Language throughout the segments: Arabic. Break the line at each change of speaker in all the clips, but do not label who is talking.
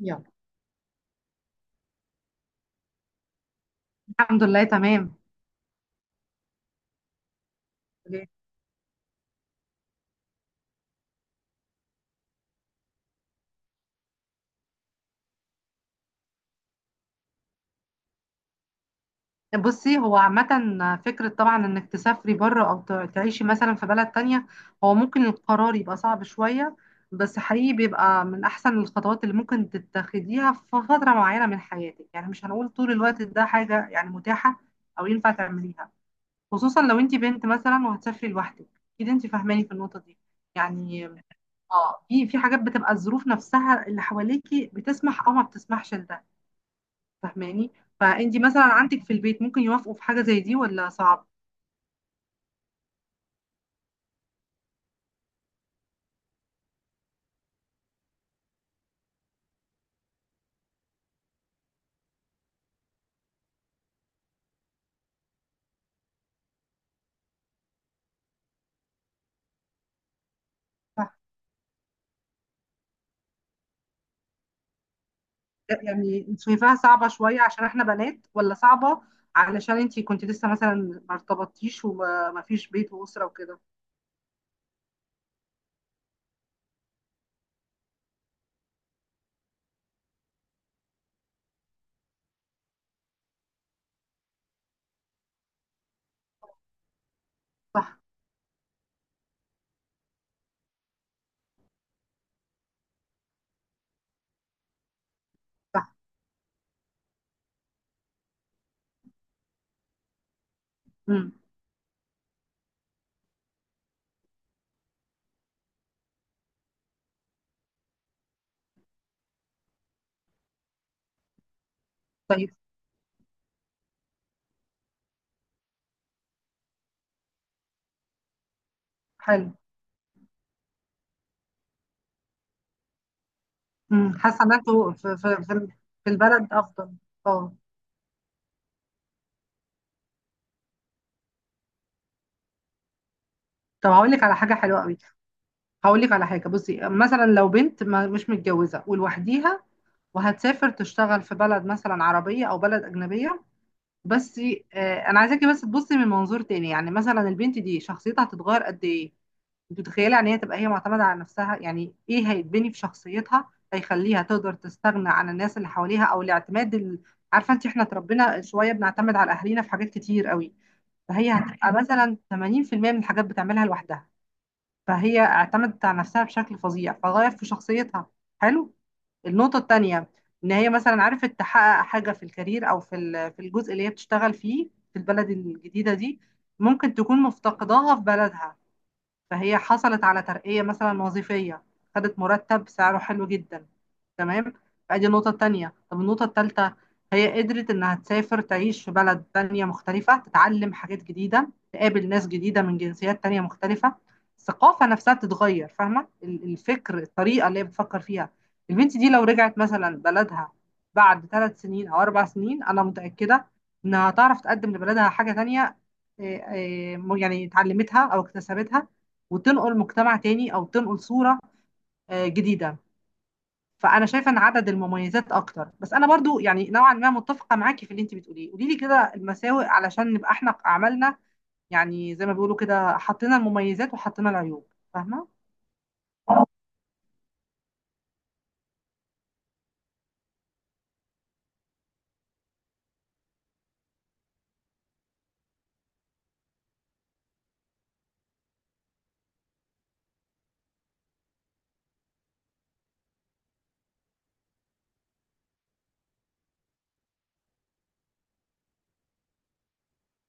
يلا. الحمد لله تمام. بصي هو عامة فكرة طبعا انك تسافري بره او تعيشي مثلا في بلد تانية. هو ممكن القرار يبقى صعب شوية، بس حقيقي بيبقى من احسن الخطوات اللي ممكن تتخذيها في فترة معينة من حياتك، يعني مش هنقول طول الوقت ده حاجة يعني متاحة او ينفع تعمليها. خصوصا لو انت بنت مثلا وهتسافري لوحدك، اكيد انت فاهماني في النقطة دي يعني. اه في حاجات بتبقى الظروف نفسها اللي حواليكي بتسمح او ما بتسمحش لده، فاهماني؟ فانت مثلا عندك في البيت ممكن يوافقوا في حاجة زي دي ولا صعب؟ صح. يعني انت شايفاها صعبة شوية عشان احنا بنات، ولا صعبة علشان انت كنت لسه مثلا ما ارتبطتيش وما فيش بيت وأسرة وكده؟ صح. صح. امم. طيب. حلو. امم. حاسة ان انتوا في في البلد افضل. اه. طب هقول لك على حاجة حلوة قوي. هقول لك على حاجة، بصي مثلا لو بنت ما مش متجوزة ولوحديها وهتسافر تشتغل في بلد مثلا عربية او بلد أجنبية، بس انا عايزاكي بس تبصي من منظور تاني. يعني مثلا البنت دي شخصيتها هتتغير قد ايه؟ انت متخيله ان هي تبقى هي معتمده على نفسها؟ يعني ايه هيتبني في شخصيتها، هيخليها تقدر تستغنى عن الناس اللي حواليها او الاعتماد ال... عارفه انت احنا اتربينا شويه بنعتمد على اهالينا في حاجات كتير قوي. فهي هتبقى مثلا 80% من الحاجات بتعملها لوحدها، فهي اعتمدت على نفسها بشكل فظيع فغير في شخصيتها. حلو. النقطة التانية، إن هي مثلا عرفت تحقق حاجة في الكارير أو في في الجزء اللي هي بتشتغل فيه في البلد الجديدة دي، ممكن تكون مفتقداها في بلدها. فهي حصلت على ترقية مثلا وظيفية، خدت مرتب سعره حلو جدا. تمام. فأدي النقطة التانية. طب النقطة التالتة، هي قدرت إنها تسافر تعيش في بلد تانية مختلفة، تتعلم حاجات جديدة، تقابل ناس جديدة من جنسيات تانية مختلفة. الثقافة نفسها بتتغير، فاهمة الفكر، الطريقة اللي هي بتفكر فيها. البنت دي لو رجعت مثلا بلدها بعد 3 سنين أو 4 سنين، أنا متأكدة إنها هتعرف تقدم لبلدها حاجة تانية، إيه، إيه، يعني اتعلمتها أو اكتسبتها، وتنقل مجتمع تاني او تنقل صورة جديدة. فانا شايفة ان عدد المميزات اكتر، بس انا برضو يعني نوعا ما متفقة معاكي في اللي انت بتقوليه. قولي لي كده المساوئ علشان نبقى احنا عملنا، يعني زي ما بيقولوا كده، حطينا المميزات وحطينا العيوب. فاهمة؟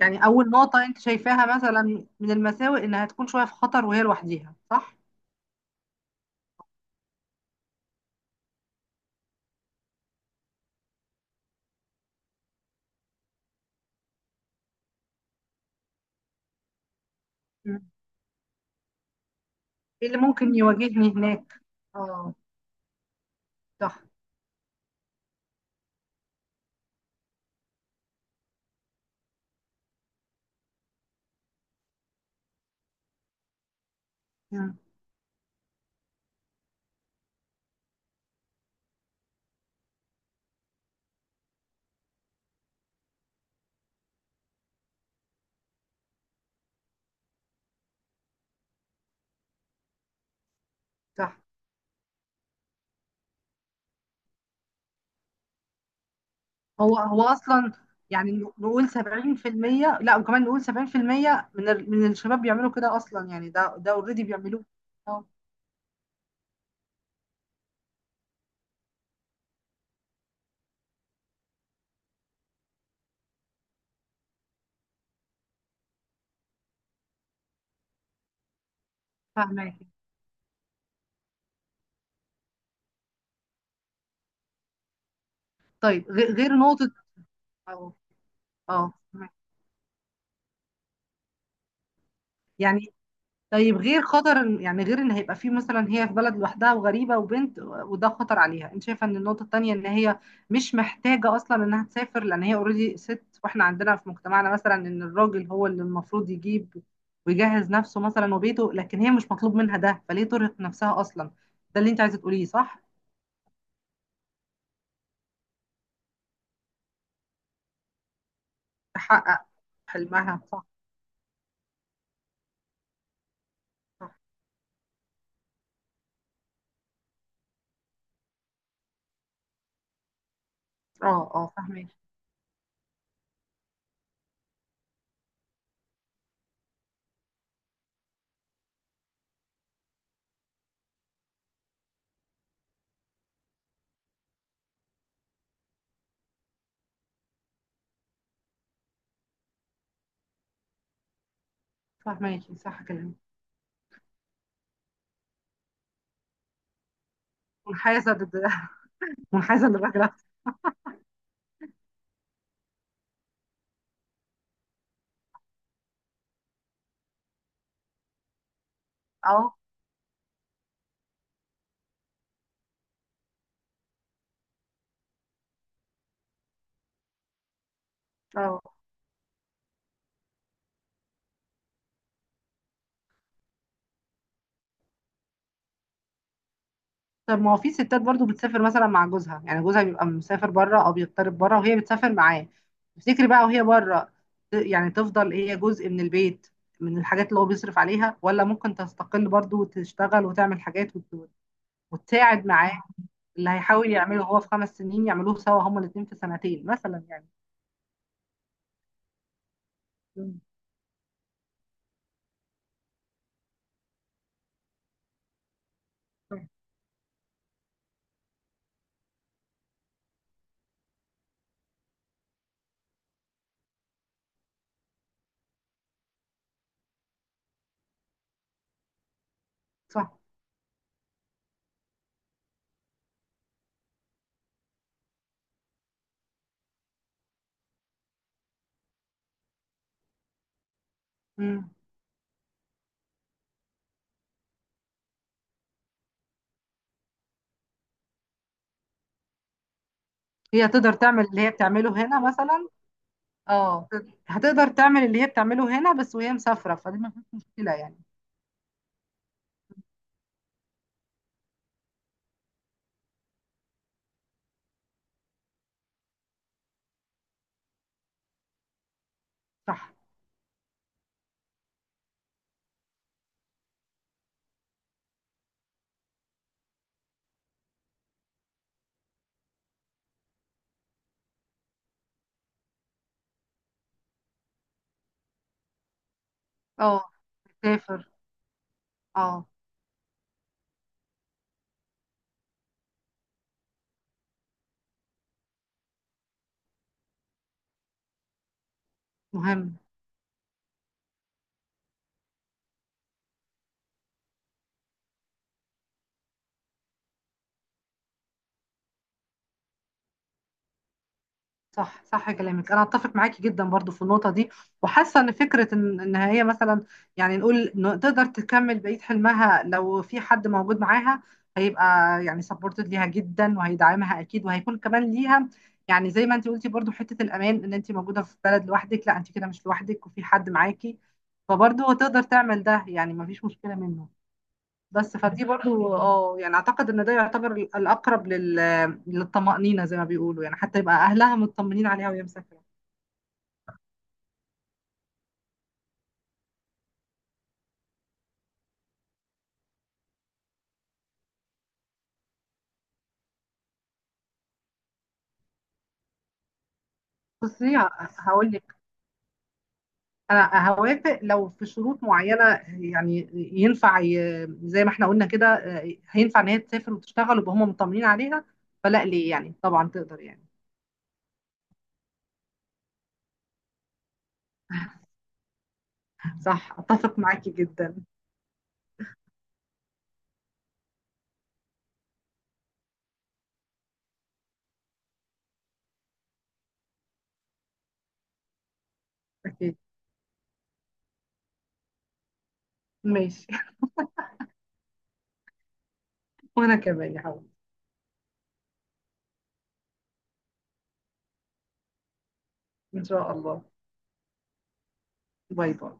يعني اول نقطة انت شايفاها مثلا من المساوئ انها تكون شوية في خطر وهي لوحديها، صح؟ مم. ايه اللي ممكن يواجهني هناك. اه. صح. مم. صح. هو اصلا يعني نقول 70%. لا، وكمان نقول 70% من الشباب بيعملوا كده اصلا. يعني ده ده اوريدي بيعملوه. اه. فاهمك. طيب غير نقطة. اه. اه، فاهماكي. يعني طيب غير خطر يعني غير ان هيبقى في مثلا هي في بلد لوحدها وغريبة وبنت، وده خطر عليها، انت شايفة ان النقطة التانية ان هي مش محتاجة اصلا انها تسافر، لان هي اوريدي ست، واحنا عندنا في مجتمعنا مثلا ان الراجل هو اللي المفروض يجيب ويجهز نفسه مثلا وبيته، لكن هي مش مطلوب منها ده، فليه ترهق نفسها اصلا؟ ده اللي انت عايزة تقوليه صح؟ تحقق حلمها، صح. صح. اه. اه، فاهماكي. فاهماكي. صح كلامك. منحازة ضد منحازة للراجل أكتر. اه. اه. طب ما هو في ستات برضو بتسافر مثلا مع جوزها، يعني جوزها بيبقى مسافر بره او بيغترب بره وهي بتسافر معاه. تفتكري بقى وهي بره، يعني تفضل هي جزء من البيت من الحاجات اللي هو بيصرف عليها، ولا ممكن تستقل برضو وتشتغل وتعمل حاجات وتساعد معاه؟ اللي هيحاول يعمله هو في 5 سنين، يعملوه سوا هما الاتنين في 2 سنين مثلا يعني. مم. صح. مم. هي تقدر تعمل اللي هي بتعمله هنا مثلا. اه. هتقدر تعمل اللي هي بتعمله هنا بس وهي مسافرة، فدي ما فيش مشكلة يعني. صح. اه. تسافر. اه. مهم. صح، صح كلامك، انا اتفق معاكي جدا برضو في النقطه دي. وحاسه ان فكره ان ان هي مثلا، يعني نقول إن تقدر تكمل بقيه حلمها لو في حد موجود معاها، هيبقى يعني سبورتد ليها جدا وهيدعمها اكيد، وهيكون كمان ليها يعني زي ما انت قلتي برضو حته الامان، ان انت موجوده في بلد لوحدك، لا انت كده مش لوحدك وفي حد معاكي، فبرضو تقدر تعمل ده، يعني مفيش مشكله منه. بس فدي برضو اه، يعني اعتقد ان ده يعتبر الاقرب لل... للطمأنينة زي ما بيقولوا، يعني حتى يبقى اهلها مطمنين عليها وهي مسافرة. بصي هقول لك، انا هوافق لو في شروط معينة. يعني ينفع زي ما احنا قلنا كده هينفع ان هي تسافر وتشتغل ويبقى هم مطمنين عليها، فلا ليه يعني، طبعا تقدر يعني. صح. اتفق معاكي جدا. أكيد. ماشي. وانا كمان يا حبيبي. ان شاء الله. باي باي.